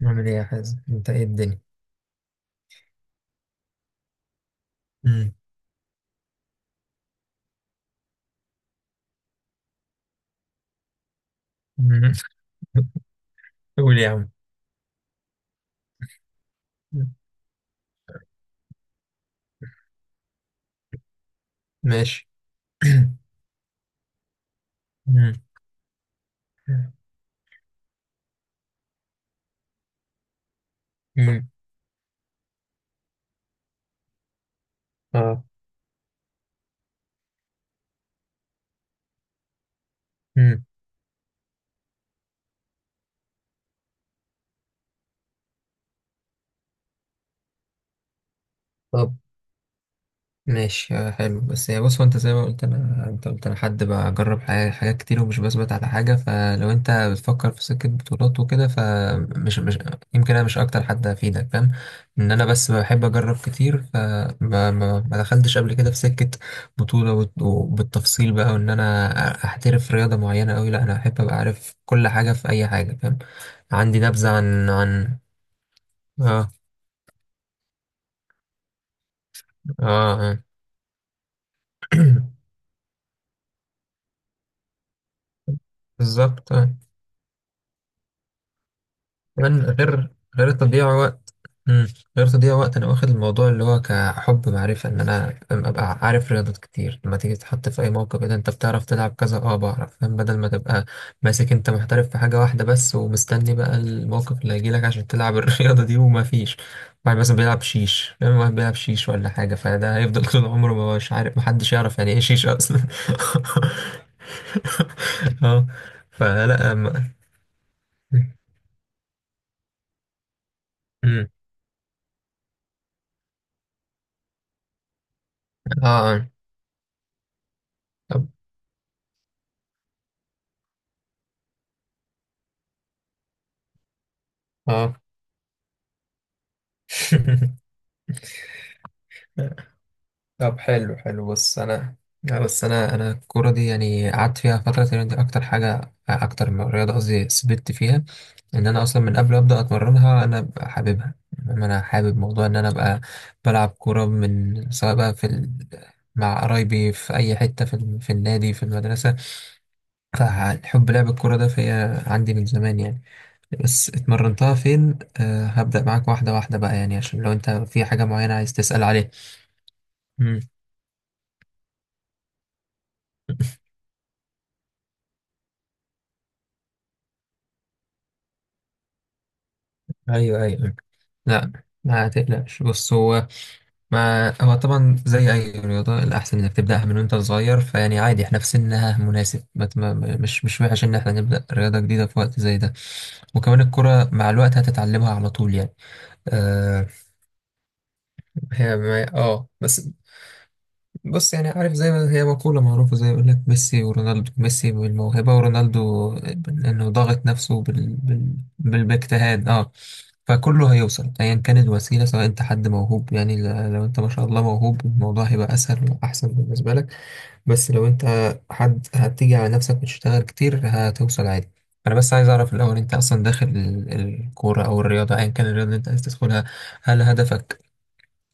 نعمل ايه يا حازم؟ انت ايه الدنيا؟ مم. مم. قول يا عم. مم. ماشي. مم. مم. اه. مم. طب، ماشي، حلو. بس يعني بص، هو انت زي ما قلت انا، انت قلت انا حد بجرب حاجات كتير ومش بثبت على حاجه. فلو انت بتفكر في سكه بطولات وكده فمش مش يمكن انا مش اكتر حد افيدك، فاهم؟ ان انا بس بحب اجرب كتير، فما ما ما دخلتش قبل كده في سكه بطوله وبالتفصيل بقى، وان انا احترف رياضه معينه قوي. لا، انا احب ابقى عارف كل حاجه في اي حاجه، فاهم؟ عندي نبذه عن اه اه، آه. بالظبط، آه. كمان غير التضييع. امم. رياضة دي وقت، انا واخد الموضوع اللي هو كحب معرفة، ان انا فاهم، ابقى عارف رياضات كتير. لما تيجي تتحط في اي موقف إيه ده؟ انت بتعرف تلعب كذا، بعرف، فاهم؟ بدل ما تبقى ماسك انت محترف في حاجة واحدة بس، ومستني بقى الموقف اللي هيجيلك عشان تلعب الرياضة دي. وما فيش واحد مثلا بيلعب شيش، فاهم؟ واحد بيلعب شيش ولا حاجة، فده هيفضل طول عمره ما مش عارف. محدش يعرف يعني ايه شيش اصلا. اه. فلا، امم، اه، آه. طب، اه. طب حلو، حلو، بص انا. لا بس انا، انا الكوره دي يعني قعدت فيها فتره، تقريبا دي اكتر حاجه، اكتر من رياضه قصدي سبت فيها. ان انا اصلا من قبل ما ابدا اتمرنها انا أبقى حاببها. إنما انا حابب موضوع ان انا ابقى بلعب كوره، من سواء بقى في ال... مع قرايبي، في اي حته، في ال... في النادي، في المدرسه. فحب لعب الكوره ده فيا عندي من زمان يعني. بس اتمرنتها فين؟ أه، هبدا معاك واحده واحده بقى، يعني عشان لو انت في حاجه معينه عايز تسال عليها. مم. ايوه، ايوه. لا، ما تقلقش، بص هو، ما هو طبعا زي اي رياضه الاحسن انك تبداها من وانت صغير. فيعني عادي احنا في سنها مناسب، ما ت- ما- مش، مش وحش ان احنا نبدا رياضه جديده في وقت زي ده. وكمان الكره مع الوقت هتتعلمها على طول يعني. اه. بس. بص يعني، عارف زي ما هي مقولة معروفة، زي يقول لك ميسي ورونالدو، ميسي بالموهبة ورونالدو إنه ضاغط نفسه بال... بال... بال... باجتهاد، اه. فكله هيوصل أيا كانت الوسيلة. سواء أنت حد موهوب يعني، لو أنت ما شاء الله موهوب الموضوع هيبقى أسهل وأحسن بالنسبة لك. بس لو أنت حد هتيجي على نفسك وتشتغل كتير، هتوصل عادي. أنا بس عايز أعرف الأول، أنت أصلا داخل الكورة أو الرياضة أيا كان الرياضة اللي أنت عايز تدخلها، هل هدفك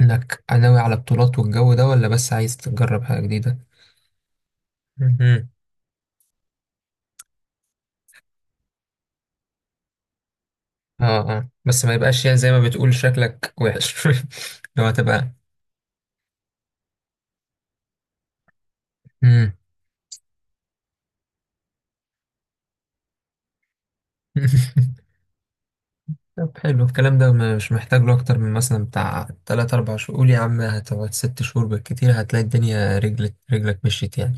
انك ناوي على بطولات والجو ده، ولا بس عايز تجرب حاجة جديدة؟ مهم. اه، اه. بس ما يبقاش يعني زي ما بتقول شكلك وحش لو هتبقى. مم. طب حلو، الكلام ده مش محتاج له اكتر من مثلا بتاع تلات اربع شهور. قول يا عم هتقعد ست شهور بالكتير، هتلاقي الدنيا رجلك، رجلك مشيت يعني.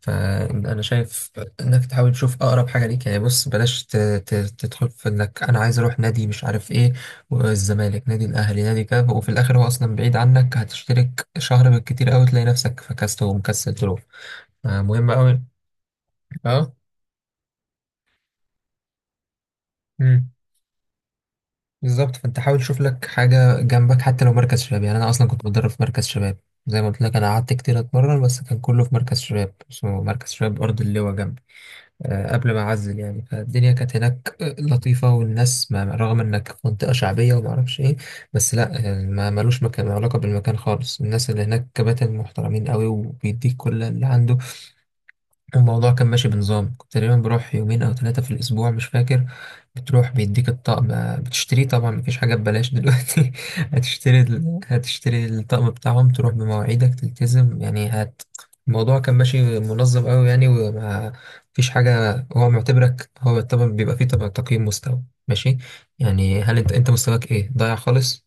فانا شايف انك تحاول تشوف اقرب حاجه ليك، يعني بص بلاش تدخل في انك انا عايز اروح نادي مش عارف ايه، والزمالك نادي، الاهلي نادي، كذا، وفي الاخر هو اصلا بعيد عنك، هتشترك شهر بالكتير قوي، تلاقي نفسك فكست ومكسل تروح. آه، مهم قوي. اه. امم. بالظبط، فانت حاول تشوف لك حاجه جنبك، حتى لو مركز شباب. يعني انا اصلا كنت بتدرب في مركز شباب، زي ما قلت لك. انا قعدت كتير اتمرن، بس كان كله في مركز شباب اسمه مركز شباب ارض اللواء جنبي، قبل ما أعزل يعني. فالدنيا كانت هناك لطيفة، والناس، ما رغم إنك في منطقة شعبية وما أعرفش إيه، بس لأ ما ملوش مكان، ما علاقة بالمكان خالص. الناس اللي هناك كباتن محترمين قوي، وبيديك كل اللي عنده. الموضوع كان ماشي بنظام، كنت تقريبا بروح يومين او ثلاثة في الاسبوع، مش فاكر. بتروح بيديك الطقم، بتشتريه طبعا، مفيش حاجة ببلاش دلوقتي. هتشتري الطقم بتاعهم، تروح بمواعيدك، تلتزم يعني، هت... الموضوع كان ماشي منظم قوي يعني، وما فيش حاجة. هو معتبرك، هو طبعا بيبقى فيه طبعا تقييم مستوى ماشي. يعني هل انت، انت مستواك ايه؟ ضايع خالص؟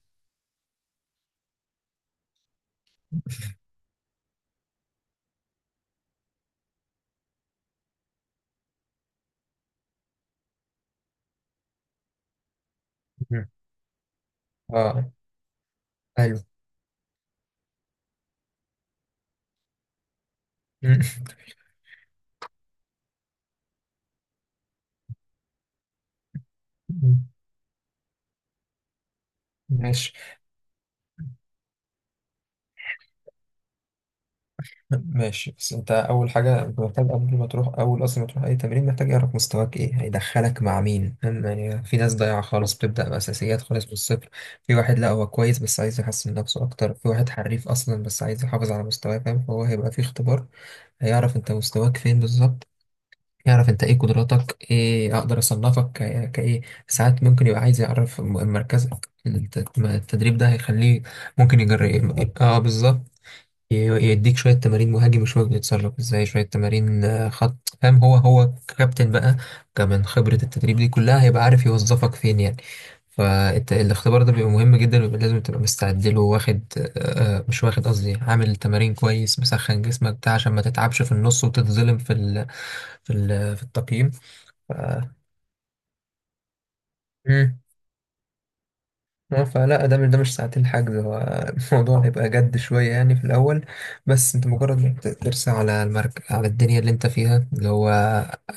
مم. اه، حلو. مم. ماشي، ماشي. بس انت اول حاجه انت محتاج قبل ما تروح، اول اصلا ما تروح اي تمرين، محتاج يعرف مستواك ايه، هيدخلك مع مين، فاهم يعني؟ في ناس ضايعه خالص، بتبدا باساسيات خالص من الصفر. في واحد لا هو كويس بس عايز يحسن نفسه اكتر. في واحد حريف اصلا بس عايز يحافظ على مستواه، فاهم؟ فهو هيبقى في اختبار، هيعرف انت مستواك فين بالظبط، يعرف انت ايه قدراتك، ايه اقدر اصنفك كايه. ساعات ممكن يبقى عايز يعرف مركزك، التدريب ده هيخليه. ممكن يجرب، اه بالظبط، يديك شوية تمارين مهاجم وشوية بيتصرف ازاي، شوية تمارين خط، فاهم؟ هو هو كابتن بقى. كمان خبرة التدريب دي كلها هيبقى عارف يوظفك فين يعني. فالاختبار ده بيبقى مهم جدا، ويبقى لازم تبقى مستعد له، واخد آه، آه، مش واخد، قصدي عامل تمارين كويس، مسخن جسمك بتاع، عشان ما تتعبش في النص وتتظلم في ال، في ال، في التقييم. ف... مم. اه. فلا ده مش، ده مش ساعتين حجز هو. الموضوع هيبقى جد شوية يعني في الأول. بس انت مجرد ما ترسى على على الدنيا اللي انت فيها، اللي هو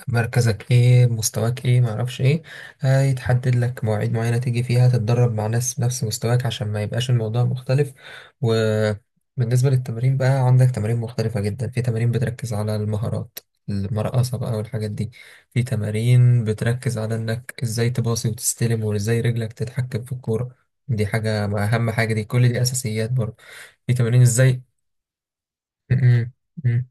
مركزك ايه، مستواك ايه، معرفش ايه، هيتحدد لك مواعيد معينة تيجي فيها تتدرب مع ناس نفس مستواك، عشان ما يبقاش الموضوع مختلف. وبالنسبة للتمارين بقى، عندك تمارين مختلفة جدا. في تمارين بتركز على المهارات المرقصة بقى والحاجات دي. في تمارين بتركز على انك ازاي تباصي وتستلم، وازاي رجلك تتحكم في الكورة. دي حاجة، ما أهم حاجة، دي كل دي أساسيات برضه. في تمارين إزاي م- م- م.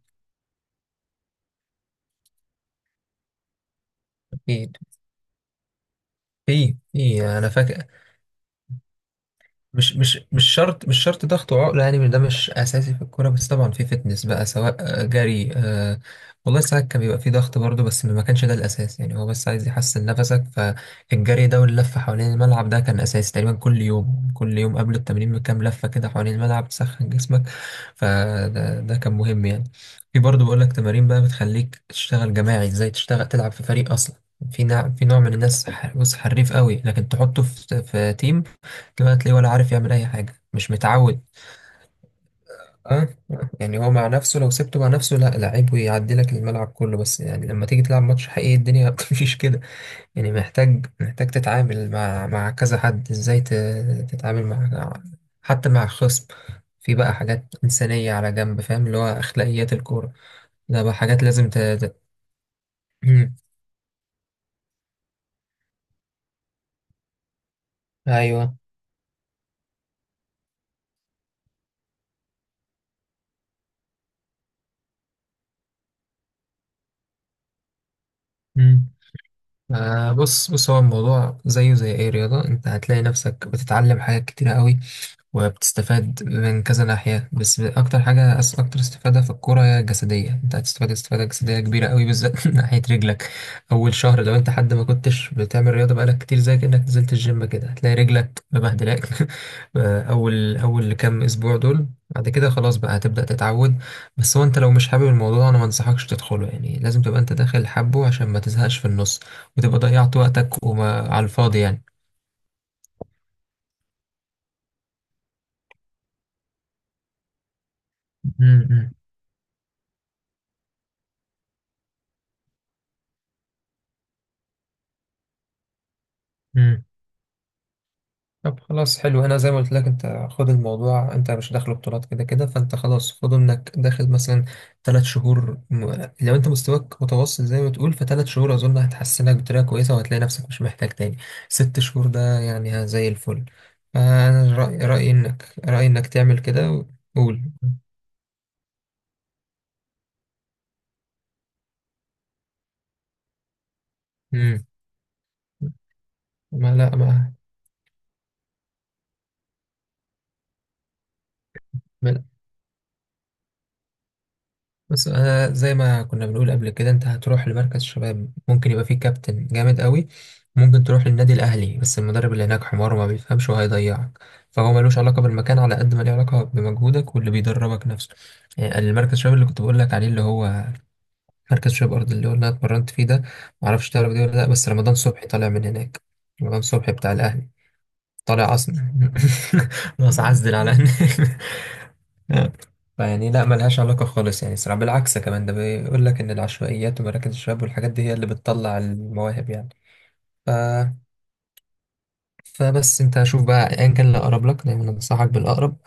أكيد. في في أنا فاكر، مش مش مش شرط، مش شرط ضغط وعقله يعني، ده مش اساسي في الكوره. بس طبعا في فتنس بقى، سواء جري، آه. والله ساعات كان بيبقى في ضغط برضه، بس ما كانش ده الاساس يعني، هو بس عايز يحسن نفسك. فالجري ده واللفه حوالين الملعب ده كان اساسي تقريبا كل يوم، كل يوم قبل التمرين بكام لفه كده حوالين الملعب تسخن جسمك. فده، ده كان مهم يعني. في برضه بقول لك تمارين بقى بتخليك تشتغل جماعي، ازاي تشتغل تلعب في فريق اصلا. في نوع من الناس، بص حريف قوي، لكن تحطه في، في تيم كده هتلاقيه ولا عارف يعمل اي حاجه، مش متعود. اه، آه. يعني هو مع نفسه، لو سبته مع نفسه لا لعيب ويعدي لك الملعب كله، بس يعني لما تيجي تلعب ماتش حقيقي الدنيا ما بتمشيش كده. يعني محتاج تتعامل مع، مع كذا حد، ازاي تتعامل مع حتى مع خصم. في بقى حاجات إنسانية على جنب، فاهم؟ اللي هو أخلاقيات الكورة. ده بقى حاجات لازم ت... ت... مم. أيوه. مم. آه، بص، بص هو الموضوع زيه زي أي رياضة. أنت هتلاقي نفسك بتتعلم حاجات كتيرة قوي، وبتستفاد من كذا ناحية. بس أكتر حاجة، أكتر استفادة في الكورة هي الجسدية. أنت هتستفاد استفادة جسدية كبيرة قوي، بالذات من ناحية رجلك. أول شهر لو أنت حد ما كنتش بتعمل رياضة بقالك كتير، زي كأنك نزلت الجيم كده، هتلاقي رجلك مبهدلاك. أول كام أسبوع دول، بعد كده خلاص بقى هتبدأ تتعود. بس هو أنت لو مش حابب الموضوع أنا ما أنصحكش تدخله، يعني لازم تبقى أنت داخل حبه عشان ما تزهقش في النص، وتبقى ضيعت وقتك وما على الفاضي يعني. م- م- م. طب خلاص، حلو. انا زي ما قلت لك انت خد الموضوع انت مش داخل بطولات كده كده، فانت خلاص خد انك داخل مثلا ثلاث شهور. لو انت مستواك متوسط زي ما تقول، فثلاث شهور اظن هتحسنك بطريقه كويسه، وهتلاقي نفسك مش محتاج تاني ست شهور ده، يعني ها زي الفل. فانا رأي، رأيي انك تعمل كده. وقول. امم. ما لا، ما بس انا زي ما كنا بنقول قبل كده، انت هتروح لمركز شباب ممكن يبقى فيه كابتن جامد قوي، ممكن تروح للنادي الاهلي بس المدرب اللي هناك حمار وما بيفهمش وهيضيعك. فهو ملوش علاقه بالمكان على قد ما له علاقه بمجهودك واللي بيدربك نفسه. يعني المركز شباب اللي كنت بقول لك عليه اللي هو مركز شباب ارض، اللي هو اللي انا اتمرنت فيه ده، معرفش تعرف ده ولا لا، بس رمضان صبحي طالع من هناك. رمضان صبحي بتاع الاهلي، طالع اصلا. بس عزل على هناك. فيعني لا ملهاش علاقة خالص يعني الصراحة. بالعكس كمان ده بيقول لك إن العشوائيات ومراكز الشباب والحاجات دي هي اللي بتطلع المواهب يعني. ف... فبس أنت شوف بقى أيا كان اللي أقرب لك، دايما أنصحك بالأقرب.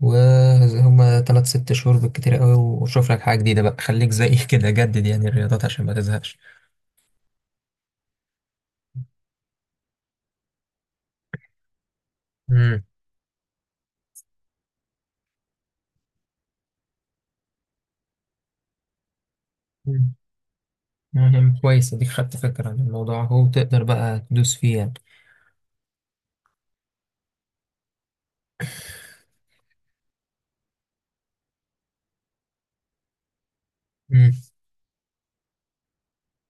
وهما تلات ست شهور بالكتير قوي، وشوف لك حاجة جديدة بقى، خليك زي كده جدد يعني الرياضات عشان ما تزهقش. امم. يعني كويس، اديك خدت فكرة عن الموضوع اهو، وتقدر بقى تدوس فيه يعني. امم.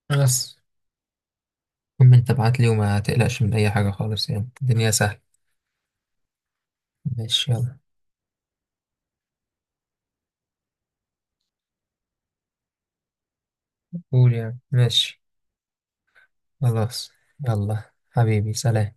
بس المهم انت ابعت لي وما تقلقش من اي حاجة خالص، يعني الدنيا سهلة. ماشي، يلا. قول يعني، ماشي. خلاص. يلا حبيبي، سلام.